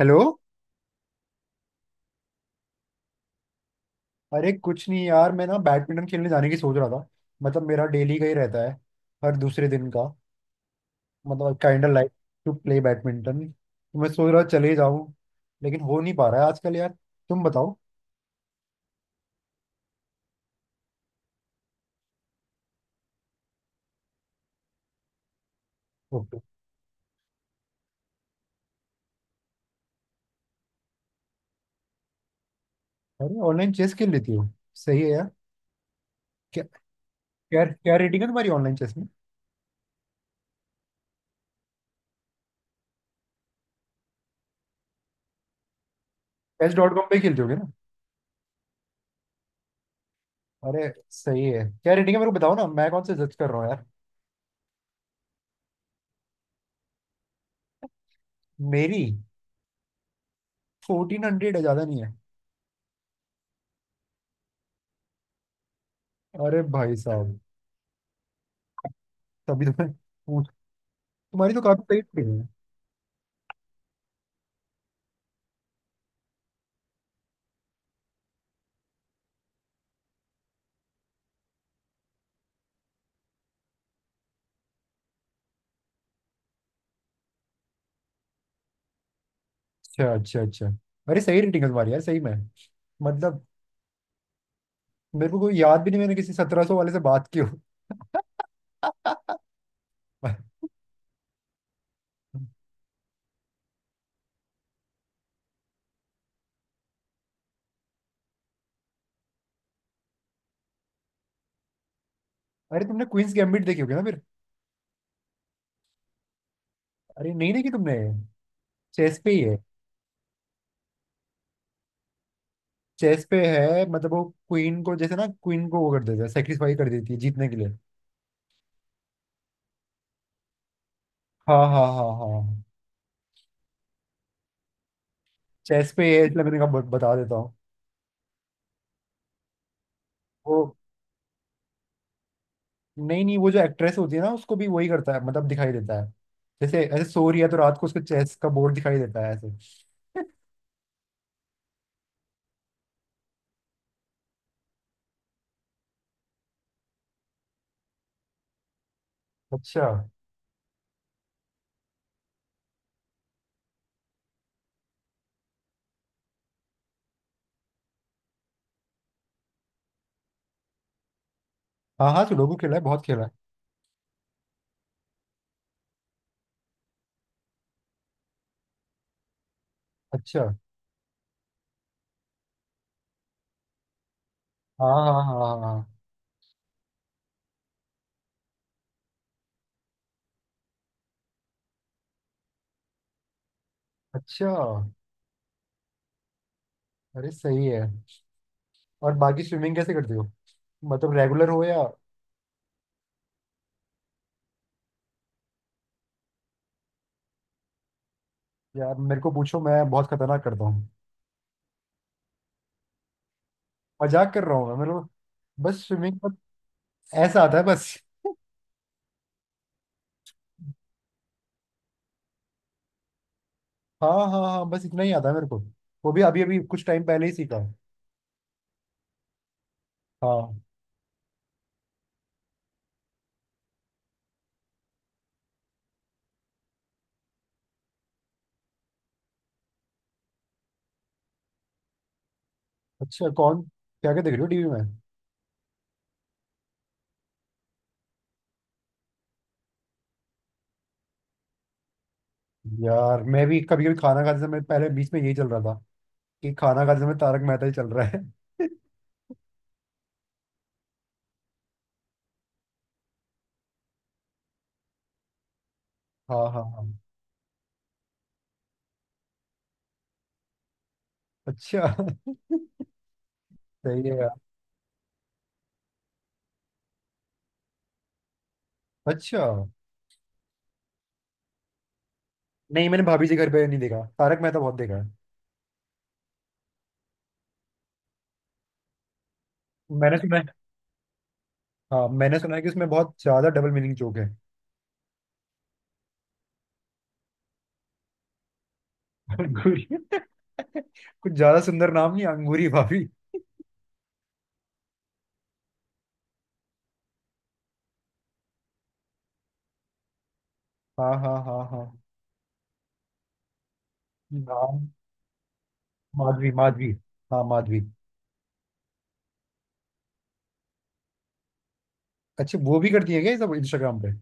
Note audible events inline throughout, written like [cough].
Hello. अरे कुछ नहीं यार, मैं ना बैडमिंटन खेलने जाने की सोच रहा था। मतलब मेरा डेली का ही रहता है, हर दूसरे दिन का। मतलब kind of like to play badminton, तो मैं सोच रहा चले जाऊं। लेकिन हो नहीं पा रहा है आजकल यार। तुम बताओ। ओके। अरे ऑनलाइन चेस खेल लेती हो, सही है यार। क्या। क्या क्या रेटिंग है तुम्हारी ऑनलाइन चेस में? चेस डॉट कॉम पे खेलते होगे ना। अरे सही है, क्या रेटिंग है? मेरे को बताओ ना, मैं कौन से जज कर रहा हूँ यार। मेरी 1400 है, ज्यादा नहीं है। अरे भाई साहब, तभी तो मैं पूछ, तुम्हारी तो काफी सही थी। अच्छा अच्छा अच्छा। अरे सही रेटिंग है तुम्हारी यार, सही में। मतलब मेरे को कोई याद भी नहीं, मैंने किसी 1700 वाले से बात की हो। [laughs] अरे तुमने क्वींस गैम्बिट देखी होगी ना फिर। अरे नहीं देखी तुमने? चेस पे ही है। चेस पे है, मतलब वो क्वीन को, जैसे ना, क्वीन को वो कर देता है, सेक्रीफाई कर देती है जीतने के लिए। हाँ हाँ हाँ हाँ। चेस पे है इसलिए मैंने कहा बता देता हूँ। वो नहीं नहीं, वो जो एक्ट्रेस होती है ना, उसको भी वही करता है, मतलब दिखाई देता है। जैसे ऐसे सो रही है तो रात को उसको चेस का बोर्ड दिखाई देता है ऐसे। अच्छा। हाँ हाँ सुडोकू खेला है, बहुत खेला है। अच्छा। हाँ हाँ हाँ हाँ हाँ, हाँ। अच्छा। अरे सही है। और बाकी स्विमिंग कैसे करते हो? मतलब रेगुलर हो या? यार मेरे को पूछो, मैं बहुत खतरनाक करता हूँ। मजाक कर रहा हूँ मैं, मेरे को बस स्विमिंग का ऐसा आता है बस। हाँ हाँ हाँ, बस इतना ही आता है मेरे को। वो भी अभी अभी कुछ टाइम पहले ही सीखा है। हाँ। अच्छा, कौन, क्या क्या देख रहे हो टीवी में? यार मैं भी कभी कभी खाना खाते समय, पहले बीच में यही चल रहा था, कि खाना खाते समय तारक मेहता ही चल रहा है। [laughs] हाँ हाँ हाँ। अच्छा। [laughs] सही है यार। अच्छा। नहीं, मैंने भाभी जी घर पे नहीं देखा, तारक मेहता बहुत देखा है। मैंने सुना है। हाँ मैंने सुना है कि उसमें बहुत ज्यादा डबल मीनिंग जोक है। अंगूरी। [laughs] कुछ ज्यादा सुंदर नाम नहीं अंगूरी भाभी। हाँ हाँ हाँ हाँ। नाम माधवी माधवी। हाँ माधवी। अच्छा, वो भी करती है क्या ये सब इंस्टाग्राम पे?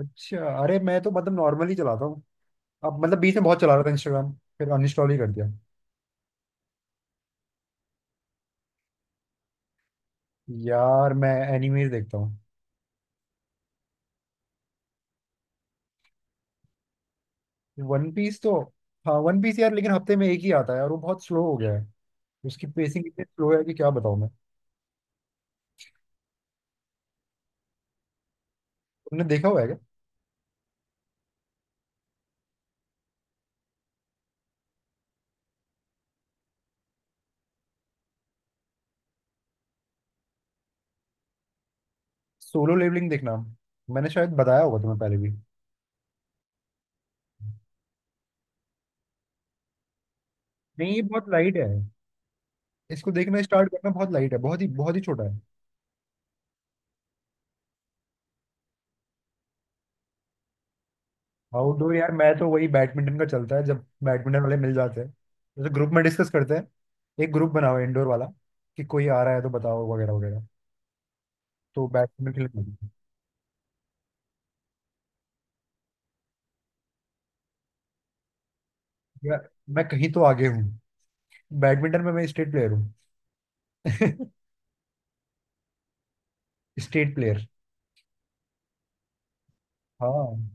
अच्छा, अरे मैं तो मतलब नॉर्मली चलाता हूँ। अब मतलब बीच में बहुत चला रहा था इंस्टाग्राम, फिर अनइंस्टॉल ही कर दिया। यार मैं एनिमेज देखता हूँ। वन पीस तो, हाँ वन पीस यार, लेकिन हफ्ते में एक ही आता है और वो बहुत स्लो हो गया है। उसकी पेसिंग इतनी स्लो है कि क्या बताऊँ मैं। तुमने देखा हुआ है क्या? सोलो लेवलिंग देखना, मैंने शायद बताया होगा तुम्हें पहले भी। नहीं, ये बहुत लाइट है। इसको देखना स्टार्ट करना बहुत लाइट है, बहुत ही छोटा है। आउटडोर? यार मैं तो वही बैडमिंटन का चलता है, जब बैडमिंटन वाले मिल जाते हैं। जैसे ग्रुप में डिस्कस करते हैं, एक ग्रुप बनाओ इंडोर वाला, कि कोई आ रहा है तो बताओ वगैरह वगैरह। तो बैडमिंटन खेलने। यार मैं कहीं तो आगे हूँ, बैडमिंटन में मैं स्टेट प्लेयर हूँ। [laughs] State player. हाँ।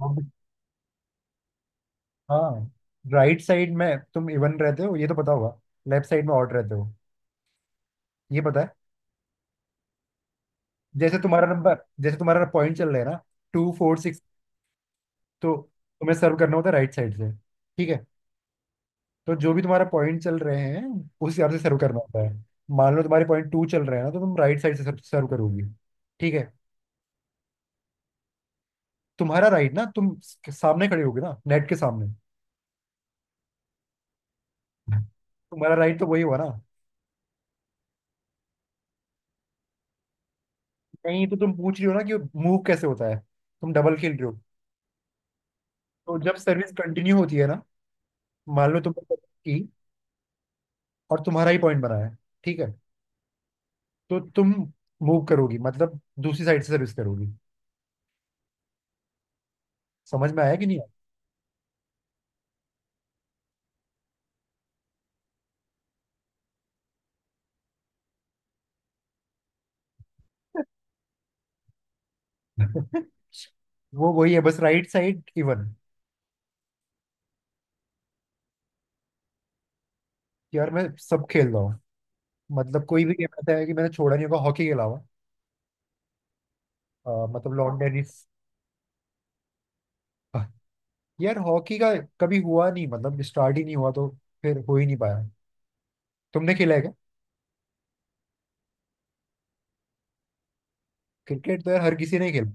वो भी- हाँ, राइट साइड में तुम इवन रहते हो, ये तो पता होगा। लेफ्ट साइड में ऑड रहते हो, ये पता है। जैसे तुम्हारा नंबर, जैसे तुम्हारा पॉइंट चल रहा है ना, 2, 4, 6, तो तुम्हें सर्व करना होता है राइट साइड से। ठीक है? तो जो भी तुम्हारा पॉइंट चल रहे हैं, उस हिसाब से सर्व करना होता है। मान लो तुम्हारे पॉइंट टू चल रहे हैं ना, तो तुम राइट साइड से सर्व करोगी। ठीक है? तुम्हारा राइट ना, तुम सामने खड़े होगे ना नेट के सामने। तुम्हारा राइट तो वही हुआ ना। नहीं, तो तुम पूछ रही हो ना कि मूव कैसे होता है, तुम डबल खेल रहे हो। तो जब सर्विस कंटिन्यू होती है ना, मान लो तुमने service की और तुम्हारा ही पॉइंट बना है, ठीक है? तो तुम मूव करोगी, मतलब दूसरी साइड से सर्विस करोगी। समझ में आया कि नहीं आया? [laughs] वो वही है बस, राइट साइड इवन। यार मैं सब खेल रहा हूँ, मतलब कोई भी गेम ऐसा है कि मैंने छोड़ा नहीं होगा हॉकी के अलावा। मतलब लॉन टेनिस। यार हॉकी का कभी हुआ नहीं, मतलब स्टार्ट ही नहीं हुआ तो फिर हो ही नहीं पाया। तुमने खेला है क्या? क्रिकेट तो यार हर किसी ने खेला।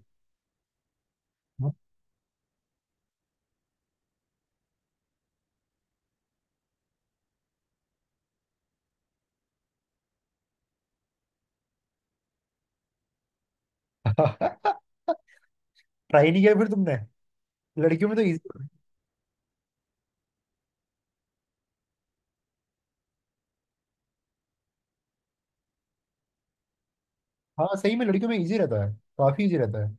[laughs] ट्राई नहीं किया फिर तुमने? लड़कियों में तो इजी। हाँ सही में लड़कियों में इजी रहता है, काफी इजी रहता है।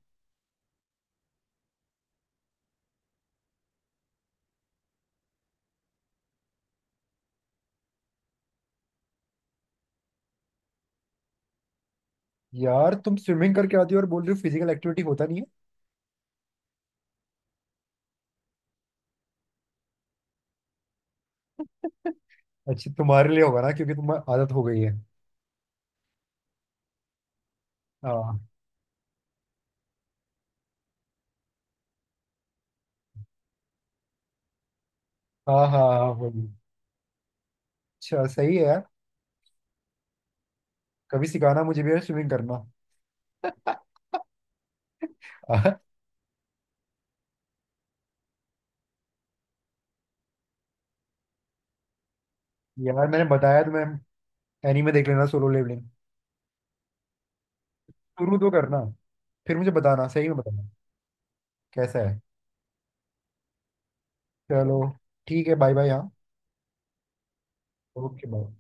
यार तुम स्विमिंग करके आती हो और बोल रही हो फिजिकल एक्टिविटी होता नहीं है। अच्छी तुम्हारे लिए होगा ना, क्योंकि तुम्हें आदत हो गई है। हाँ हाँ हाँ हाँ, वही। अच्छा सही है यार। कभी सिखाना मुझे भी यार, स्विमिंग करना। [laughs] यार मैंने बताया तुम्हें, एनीमे देख लेना, सोलो लेवलिंग। शुरू तो करना, फिर मुझे बताना, सही में बताना, कैसा है। चलो ठीक है, बाय बाय, हाँ। Okay bye.